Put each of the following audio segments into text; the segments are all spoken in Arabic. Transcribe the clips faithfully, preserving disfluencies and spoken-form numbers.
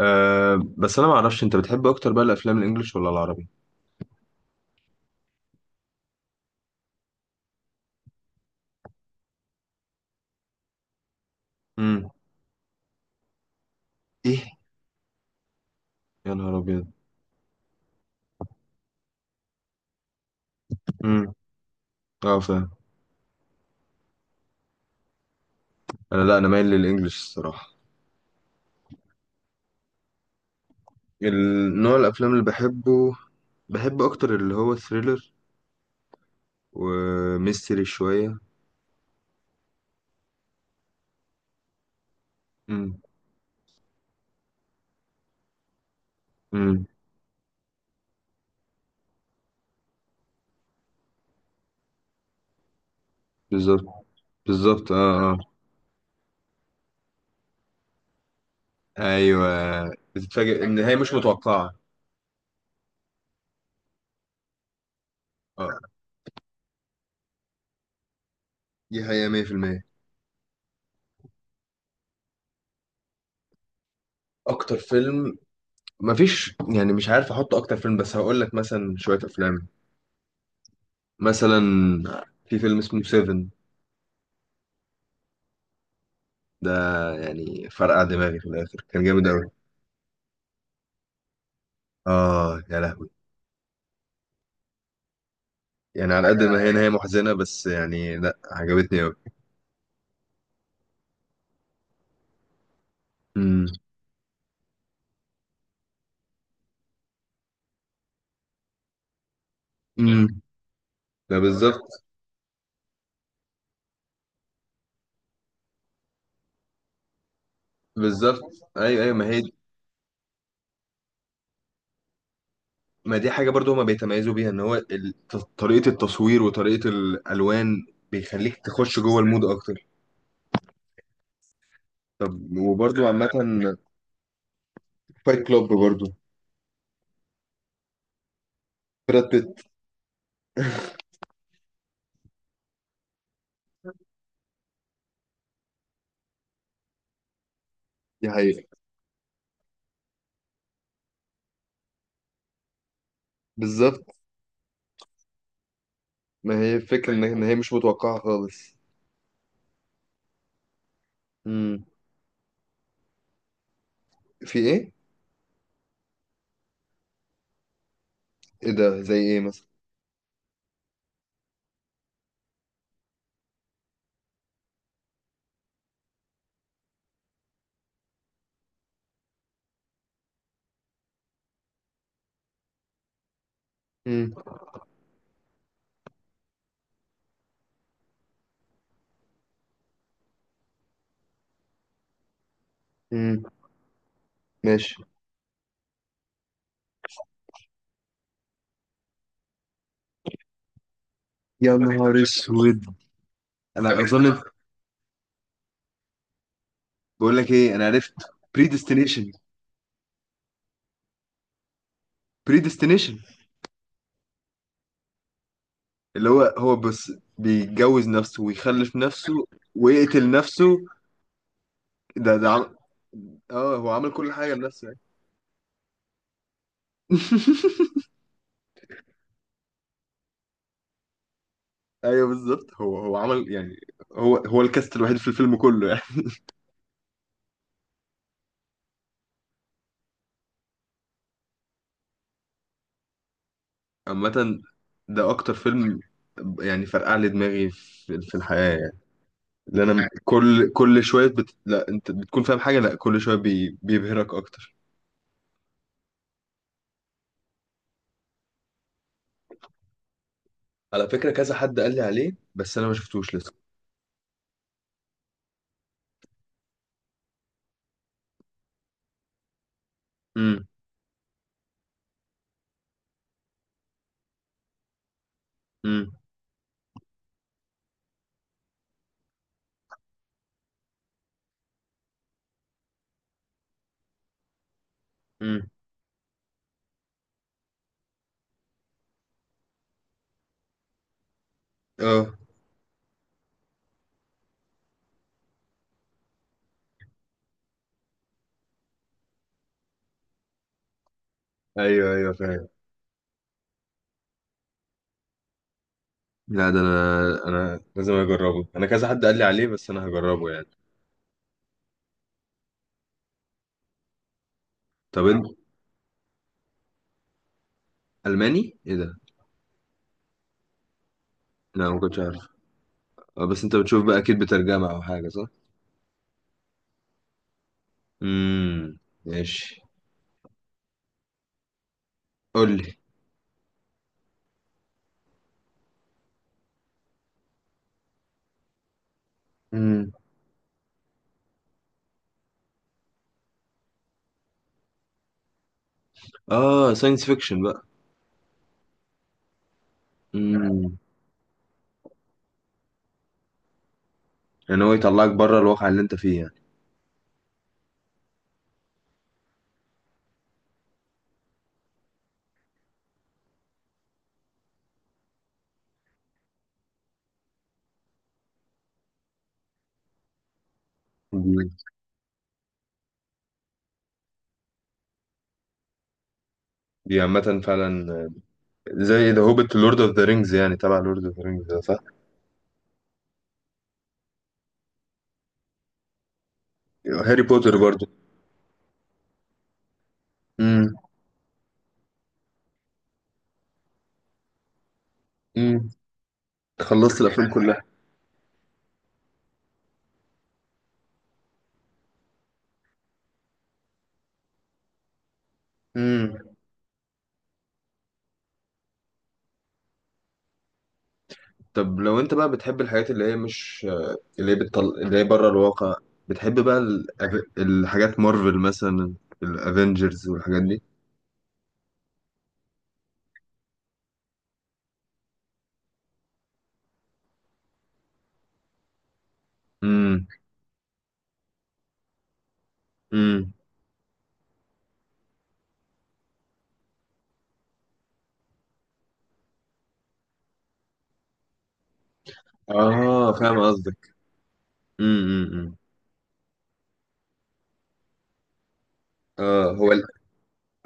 أه، بس انا ما اعرفش انت بتحب اكتر بقى الافلام الانجليش ولا العربي؟ امم. ايه. يا نهار ابيض. امم. اه، فاهم. انا لا، انا مايل للانجليش الصراحه. النوع الافلام اللي بحبه، بحب اكتر اللي هو ثريلر وميستري شويه. امم. امم. بالظبط. بالظبط اه اه. ايوه، بتتفاجئ، النهايه مش متوقعه. اه دي حقيقه مية بالمية. اكتر فيلم؟ مفيش يعني، مش عارف احط اكتر فيلم، بس هقول لك مثلا شويه افلام. مثلا في فيلم اسمه سيفن. ده يعني فرقع دماغي في الآخر، كان جامد أوي. آه يا لهوي. يعني على قد ما هي نهاية محزنة بس يعني لأ، عجبتني أوي. امم. امم. ده بالظبط. بالظبط. أيوه أيوه ما هي. ما دي حاجة برضو هما بيتميزوا بيها، إن هو ال- ط- طريقة التصوير وطريقة الألوان بيخليك تخش جوه المود أكتر. طب وبرضو عامة، فايت كلوب برضو. براد بيت. دي حقيقة. بالظبط. ما هي الفكرة إن إن هي مش متوقعة خالص. في ايه؟ ايه ده، زي ايه مثلا؟ امم. امم. ماشي. يا نهار اسود. انا اظن. بقول لك ايه، انا عرفت. بريديستنيشن. بريديستنيشن. اللي هو هو بس بيتجوز نفسه ويخلف نفسه ويقتل نفسه. ده ده عم... اه هو عمل كل حاجه لنفسه يعني. ايوه بالظبط، هو هو عمل يعني، هو هو الكاست الوحيد في الفيلم كله يعني. عامة، ده اكتر فيلم يعني فرقع لي دماغي في في الحياة يعني. لان أنا كل كل شويه بت... لا انت بتكون فاهم حاجه، لا كل شويه بي... بيبهرك اكتر. على فكره كذا حد قال لي عليه بس انا ما شفتوش لسه. امم. امم. امم. اه. ايوه ايوه فاهم. لا ده انا انا لازم اجربه، انا كذا حد قال لي عليه بس انا هجربه يعني. طب انت، الماني ايه ده؟ لا ما كنتش عارف. آه، بس انت بتشوف بقى اكيد بترجمه او حاجه، صح؟ امم. ماشي. قول لي. امم. اه، ساينس فيكشن بقى. امم. يعني هو يطلعك بره الواقع اللي انت فيه يعني. دي عامة فعلا. زي ذا هوبيت، لورد اوف ذا رينجز يعني، تبع لورد اوف ذا رينجز ده، صح؟ هاري بوتر برضو. امم. امم. خلصت الافلام كلها. امم. طب لو انت بقى بتحب الحاجات اللي هي مش، اللي هي بتطل... اللي هي بره الواقع، بتحب بقى ال... الحاجات، مارفل مثلا، الافنجرز والحاجات دي. امم. امم. اه فاهم قصدك. امم. امم. أمم. اه هو ال...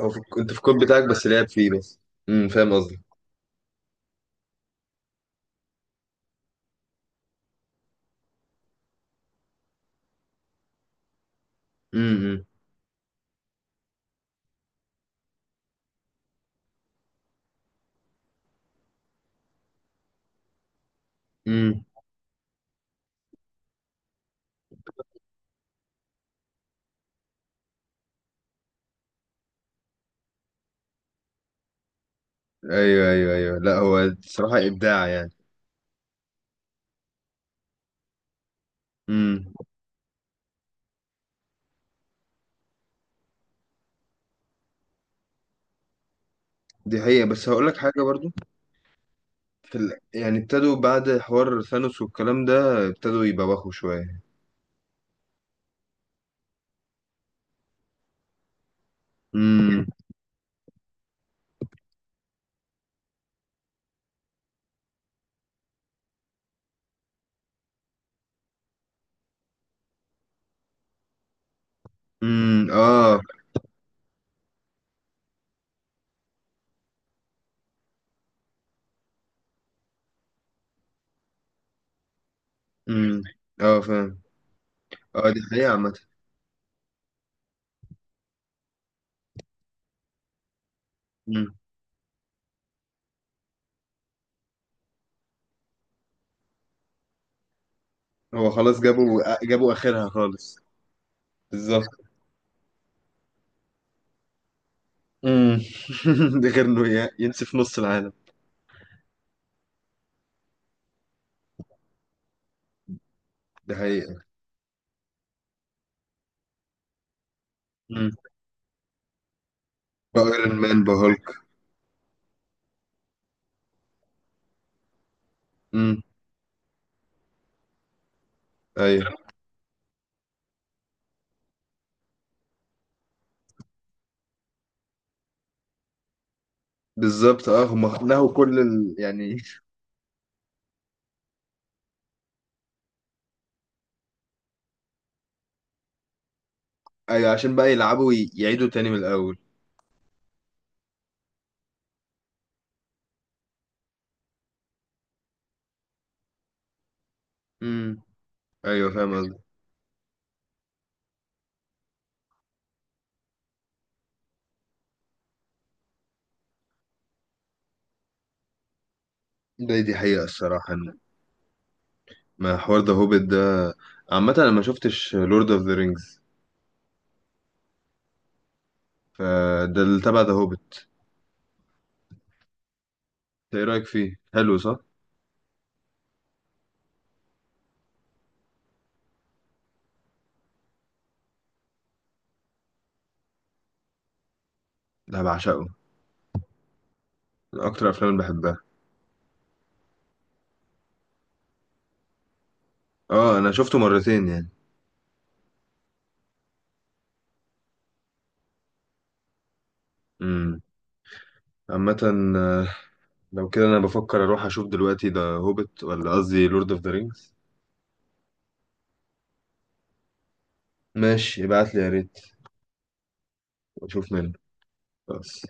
هو في... كنت في الكود بتاعك بس لعب فيه بس. امم، فاهم قصدك. امم. امم. ايوه ايوه ايوه، لا هو الصراحه ابداع يعني. امم. دي حقيقه بس هقول لك حاجه برضو. في ال... يعني ابتدوا بعد حوار ثانوس والكلام ده، ابتدوا يبوخوا شويه. امم. امم اه. امم. اه فاهم. اه دي حقيقه عامه. امم. هو خلاص جابوا، جابوا اخرها خالص. بالظبط. امم. ده غير انه ي- ينسف نص العالم. دي حقيقه. امم. بقى ايرون مان بقى هولك. امم. ايوه بالظبط، اه هم نهوا كل ال... يعني. ايوه عشان بقى يلعبوا ويعيدوا تاني من الاول. امم. ايوه فاهم قصدي. ده دي حقيقة الصراحة إن- ما حوار ذا هوبيت ده. عامة انا ما شفتش لورد اوف ذا رينجز، فده اللي تبع ذا هوبيت. ايه رأيك فيه، حلو صح؟ لا بعشقه، من اكتر افلام اللي بحبها. اه انا شفته مرتين يعني. امم. عامة، آه، لو كده انا بفكر اروح اشوف دلوقتي ذا هوبيت، ولا قصدي لورد اوف ذا رينجز. ماشي ابعت لي يا ريت واشوف منه. بس.